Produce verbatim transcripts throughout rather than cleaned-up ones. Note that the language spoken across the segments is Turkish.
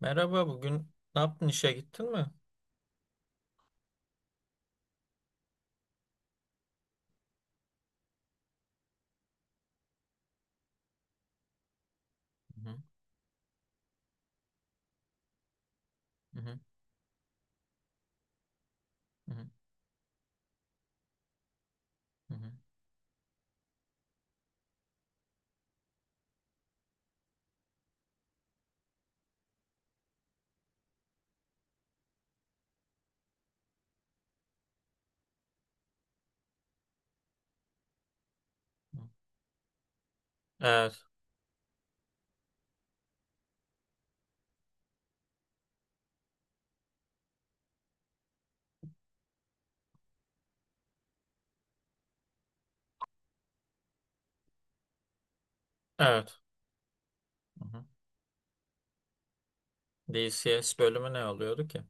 Merhaba, bugün ne yaptın, işe gittin mi? Hı hı, hı hı, hı hı, hı. Evet, evet. Hı hı. D C S bölümü ne oluyordu ki?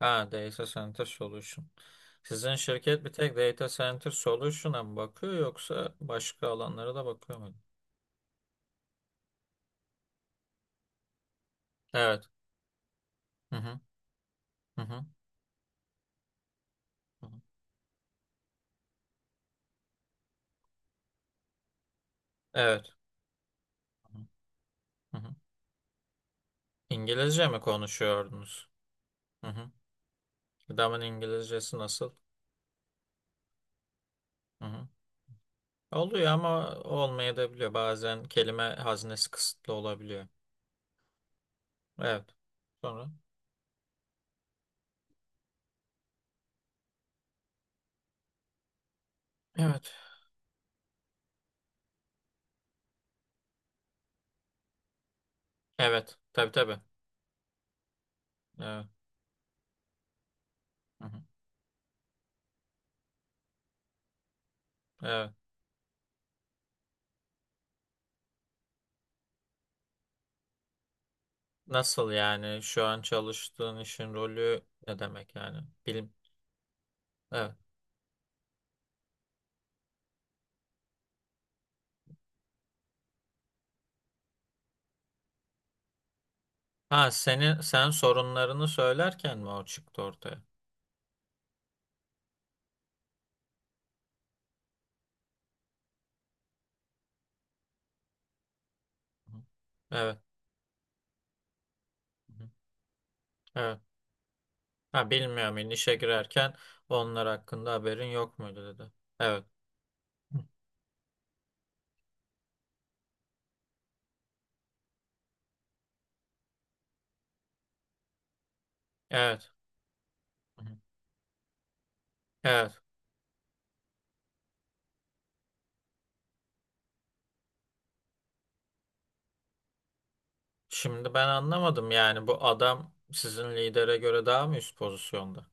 Ha, Data Center Solution. Sizin şirket bir tek Data Center Solution'a mı bakıyor yoksa başka alanlara da bakıyor mu? Evet. Hı hı, hı hı, hı hı. Evet. Hı hı, hı hı. İngilizce mi konuşuyordunuz? Hı hı. Adamın İngilizcesi nasıl? Hı hı. Oluyor ama olmayabiliyor. Bazen kelime haznesi kısıtlı olabiliyor. Evet. Sonra. Evet. Evet. Tabii, tabii. Evet. Hı hı. Evet. Nasıl yani, şu an çalıştığın işin rolü ne demek yani? Bilim. Evet. Ha, senin sen sorunlarını söylerken mi o çıktı ortaya? Hı. Evet. Hı hı. Evet. Ha, bilmiyorum yani işe girerken onlar hakkında haberin yok muydu dedi. Evet. Hı. Evet. Hı hı. Evet. Şimdi ben anlamadım yani, bu adam sizin lidere göre daha mı üst pozisyonda?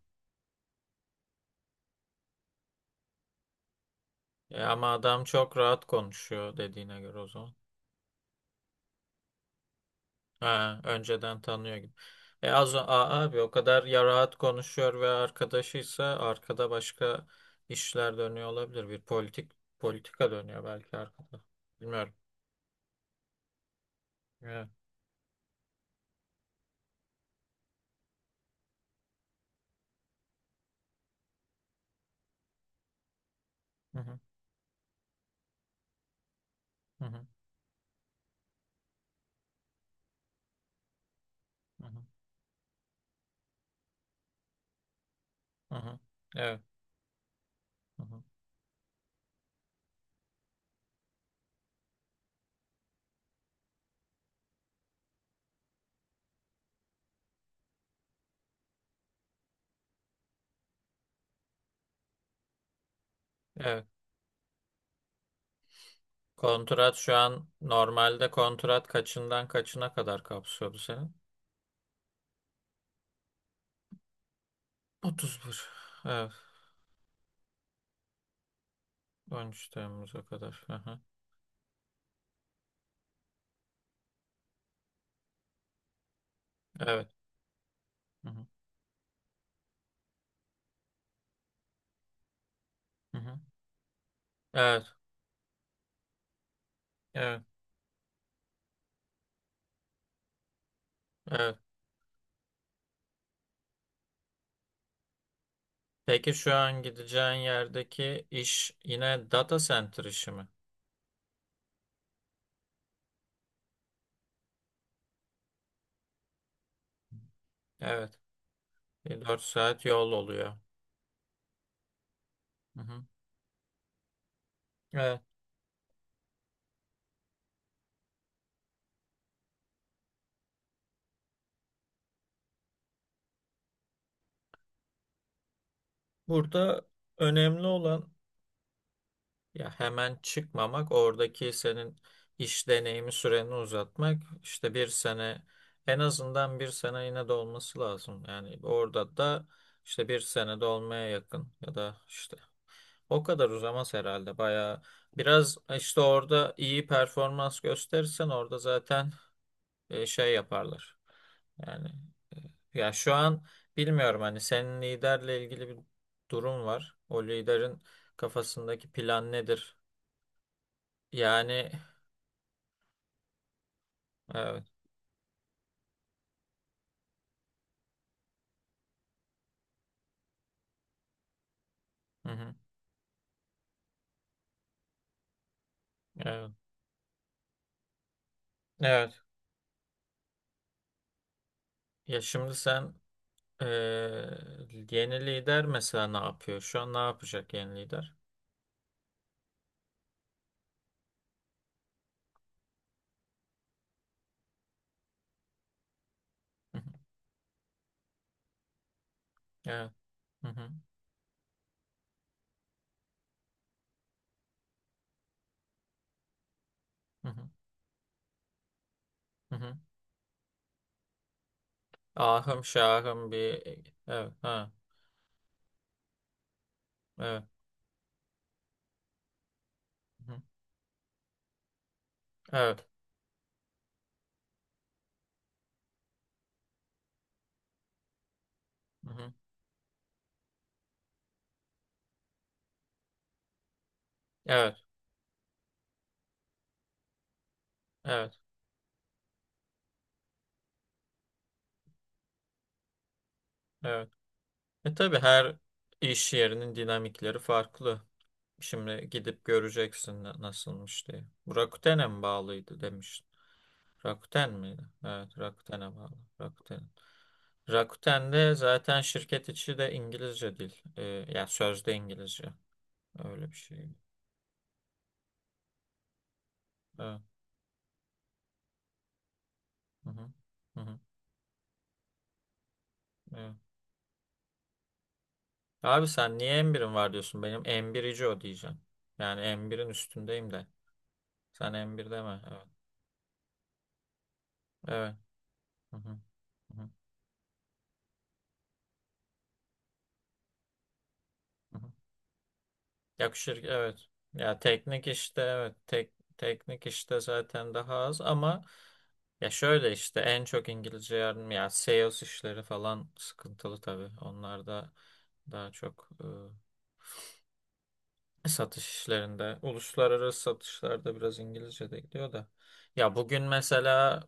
Ya ama adam çok rahat konuşuyor dediğine göre o zaman. Ha, önceden tanıyor gibi. E az o- a- abi o kadar ya rahat konuşuyor ve arkadaşıysa arkada başka işler dönüyor olabilir. Bir politik politika dönüyor belki arkada. Bilmiyorum. Evet. Hı hı, hı hı, hı hı, hı hı. Evet. Hı hı. Evet. Kontrat şu an, normalde kontrat kaçından kaçına kadar kapsıyordu senin? Otuz bir. Evet. on üç Temmuz'a kadar. Hı hı. Evet. Hı hı. Hı hı. Evet, evet, evet. Peki, şu an gideceğin yerdeki iş yine data center işi mi? Evet. Dört saat yol oluyor. Hı hı. Evet. Burada önemli olan ya hemen çıkmamak, oradaki senin iş deneyimi süreni uzatmak. İşte bir sene, en azından bir sene yine de olması lazım. Yani orada da işte bir sene de olmaya yakın, ya da işte o kadar uzamaz herhalde bayağı. Biraz e, işte orada iyi performans gösterirsen orada zaten e, şey yaparlar. Yani e, ya şu an bilmiyorum hani, senin liderle ilgili bir durum var. O liderin kafasındaki plan nedir? Yani evet. Hı hı. Evet. Evet. Ya şimdi sen, e, yeni lider mesela ne yapıyor? Şu an ne yapacak yeni lider? Hı hı. Evet. Hı hı. Hı hı. Hı hı. Ahım şahım bir evet ha evet. Hı hı. Evet. Hı hı. Evet, evet, evet. E, tabii her iş yerinin dinamikleri farklı. Şimdi gidip göreceksin na- nasılmış diye. Bu Rakuten'e mi bağlıydı demiş. Rakuten miydi? Evet, Rakuten'e bağlı. Rakuten. Rakuten'de zaten şirket içi de İngilizce dil. E, yani sözde İngilizce. Öyle bir şey. Evet. Hı hı. Hı hı. Evet. Abi sen niye M birin var diyorsun? Benim M birici o diyeceğim. Yani M birin üstündeyim de. Sen M bir deme. Evet. Evet. Hı hı. Hı hı. Hı hı. Yakışır. Evet. Ya teknik işte evet. Tek, teknik işte zaten daha az ama ya şöyle, işte en çok İngilizce yardım ya sales işleri falan sıkıntılı tabii. Onlar da daha çok e, satış işlerinde, uluslararası satışlarda biraz İngilizce de gidiyor da. Ya bugün mesela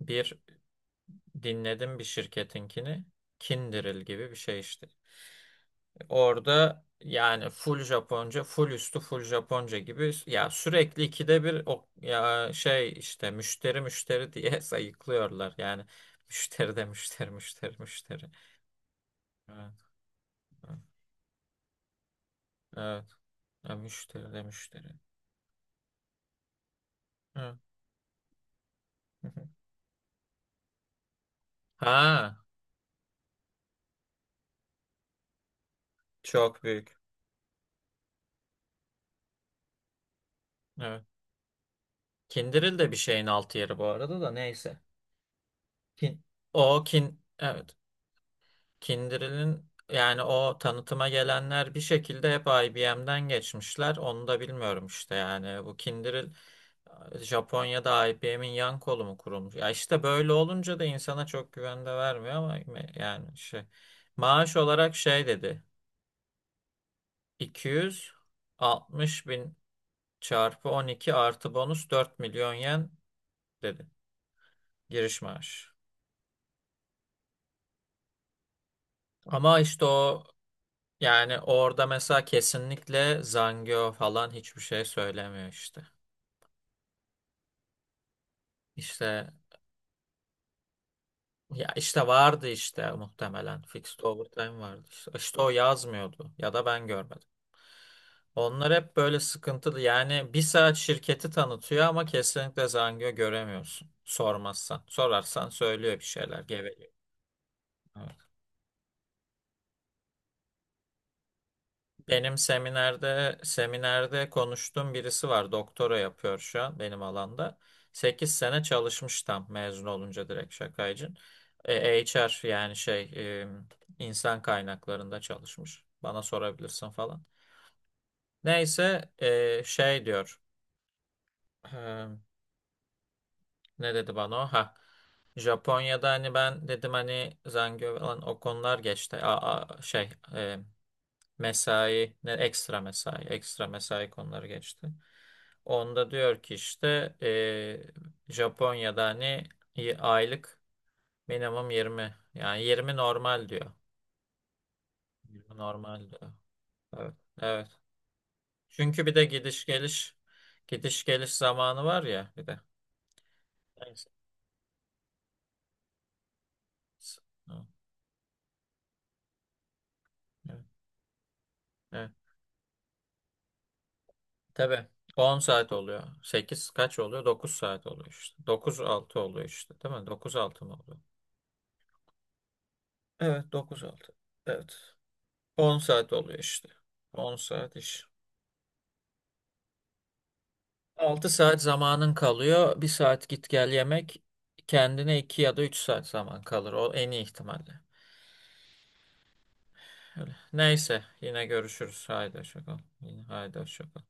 bir dinledim bir şirketinkini. Kindiril gibi bir şey işte. Orada yani full Japonca, full üstü full Japonca gibi, ya sürekli ikide bir o ya şey işte müşteri müşteri diye sayıklıyorlar. Yani müşteri de müşteri, müşteri, müşteri. Evet. Evet. Evet. Ya müşteri de müşteri. Evet. Hı hı. Ha, çok büyük. Evet. Kindiril de bir şeyin altı yeri bu arada da, neyse. Kin O kin, evet. Kindle'in yani, o tanıtıma gelenler bir şekilde hep I B M'den geçmişler. Onu da bilmiyorum işte, yani bu Kindle Japonya'da I B M'in yan kolu mu kurulmuş? Ya işte böyle olunca da insana çok güven de vermiyor ama me- yani şey, maaş olarak şey dedi, iki yüz altmış bin çarpı on iki artı bonus dört milyon yen dedi giriş maaşı. Ama işte o, yani orada mesela kesinlikle Zangyo falan hiçbir şey söylemiyor işte. İşte ya işte vardı işte, muhtemelen fixed overtime vardı. İşte, işte o yazmıyordu ya da ben görmedim. Onlar hep böyle sıkıntılı. Yani bir saat şirketi tanıtıyor ama kesinlikle Zangyo göremiyorsun. Sormazsan. Sorarsan söylüyor, bir şeyler geveliyor. Evet. Benim seminerde seminerde konuştuğum birisi var. Doktora yapıyor şu an benim alanda. Sekiz sene çalışmış, tam mezun olunca direkt şakaycın. E, H R yani şey, e, insan kaynaklarında çalışmış. Bana sorabilirsin falan. Neyse e, şey diyor. E, Ne dedi bana o? Ha. Japonya'da hani ben dedim hani Zangyo falan, o konular geçti. A, a- şey e, mesai, ne ekstra mesai, ekstra mesai konuları geçti. Onda diyor ki işte e, Japonya'da hani y- aylık minimum yirmi, yani yirmi normal diyor. yirmi normal diyor. Evet. Evet. Çünkü bir de gidiş geliş gidiş geliş zamanı var ya bir de. Neyse. Evet. Evet. Evet. Tabii on saat oluyor. Sekiz kaç oluyor? Dokuz saat oluyor işte. Dokuz altı oluyor işte değil mi? Dokuz altı mı oluyor? Evet, dokuz altı. Evet. On saat oluyor işte. On saat iş. Altı saat zamanın kalıyor. Bir saat git gel yemek. Kendine iki ya da üç saat zaman kalır. O en iyi ihtimalle. Öyle. Neyse, yine görüşürüz. Haydi hoşça kal. Yine haydi hoşça kal.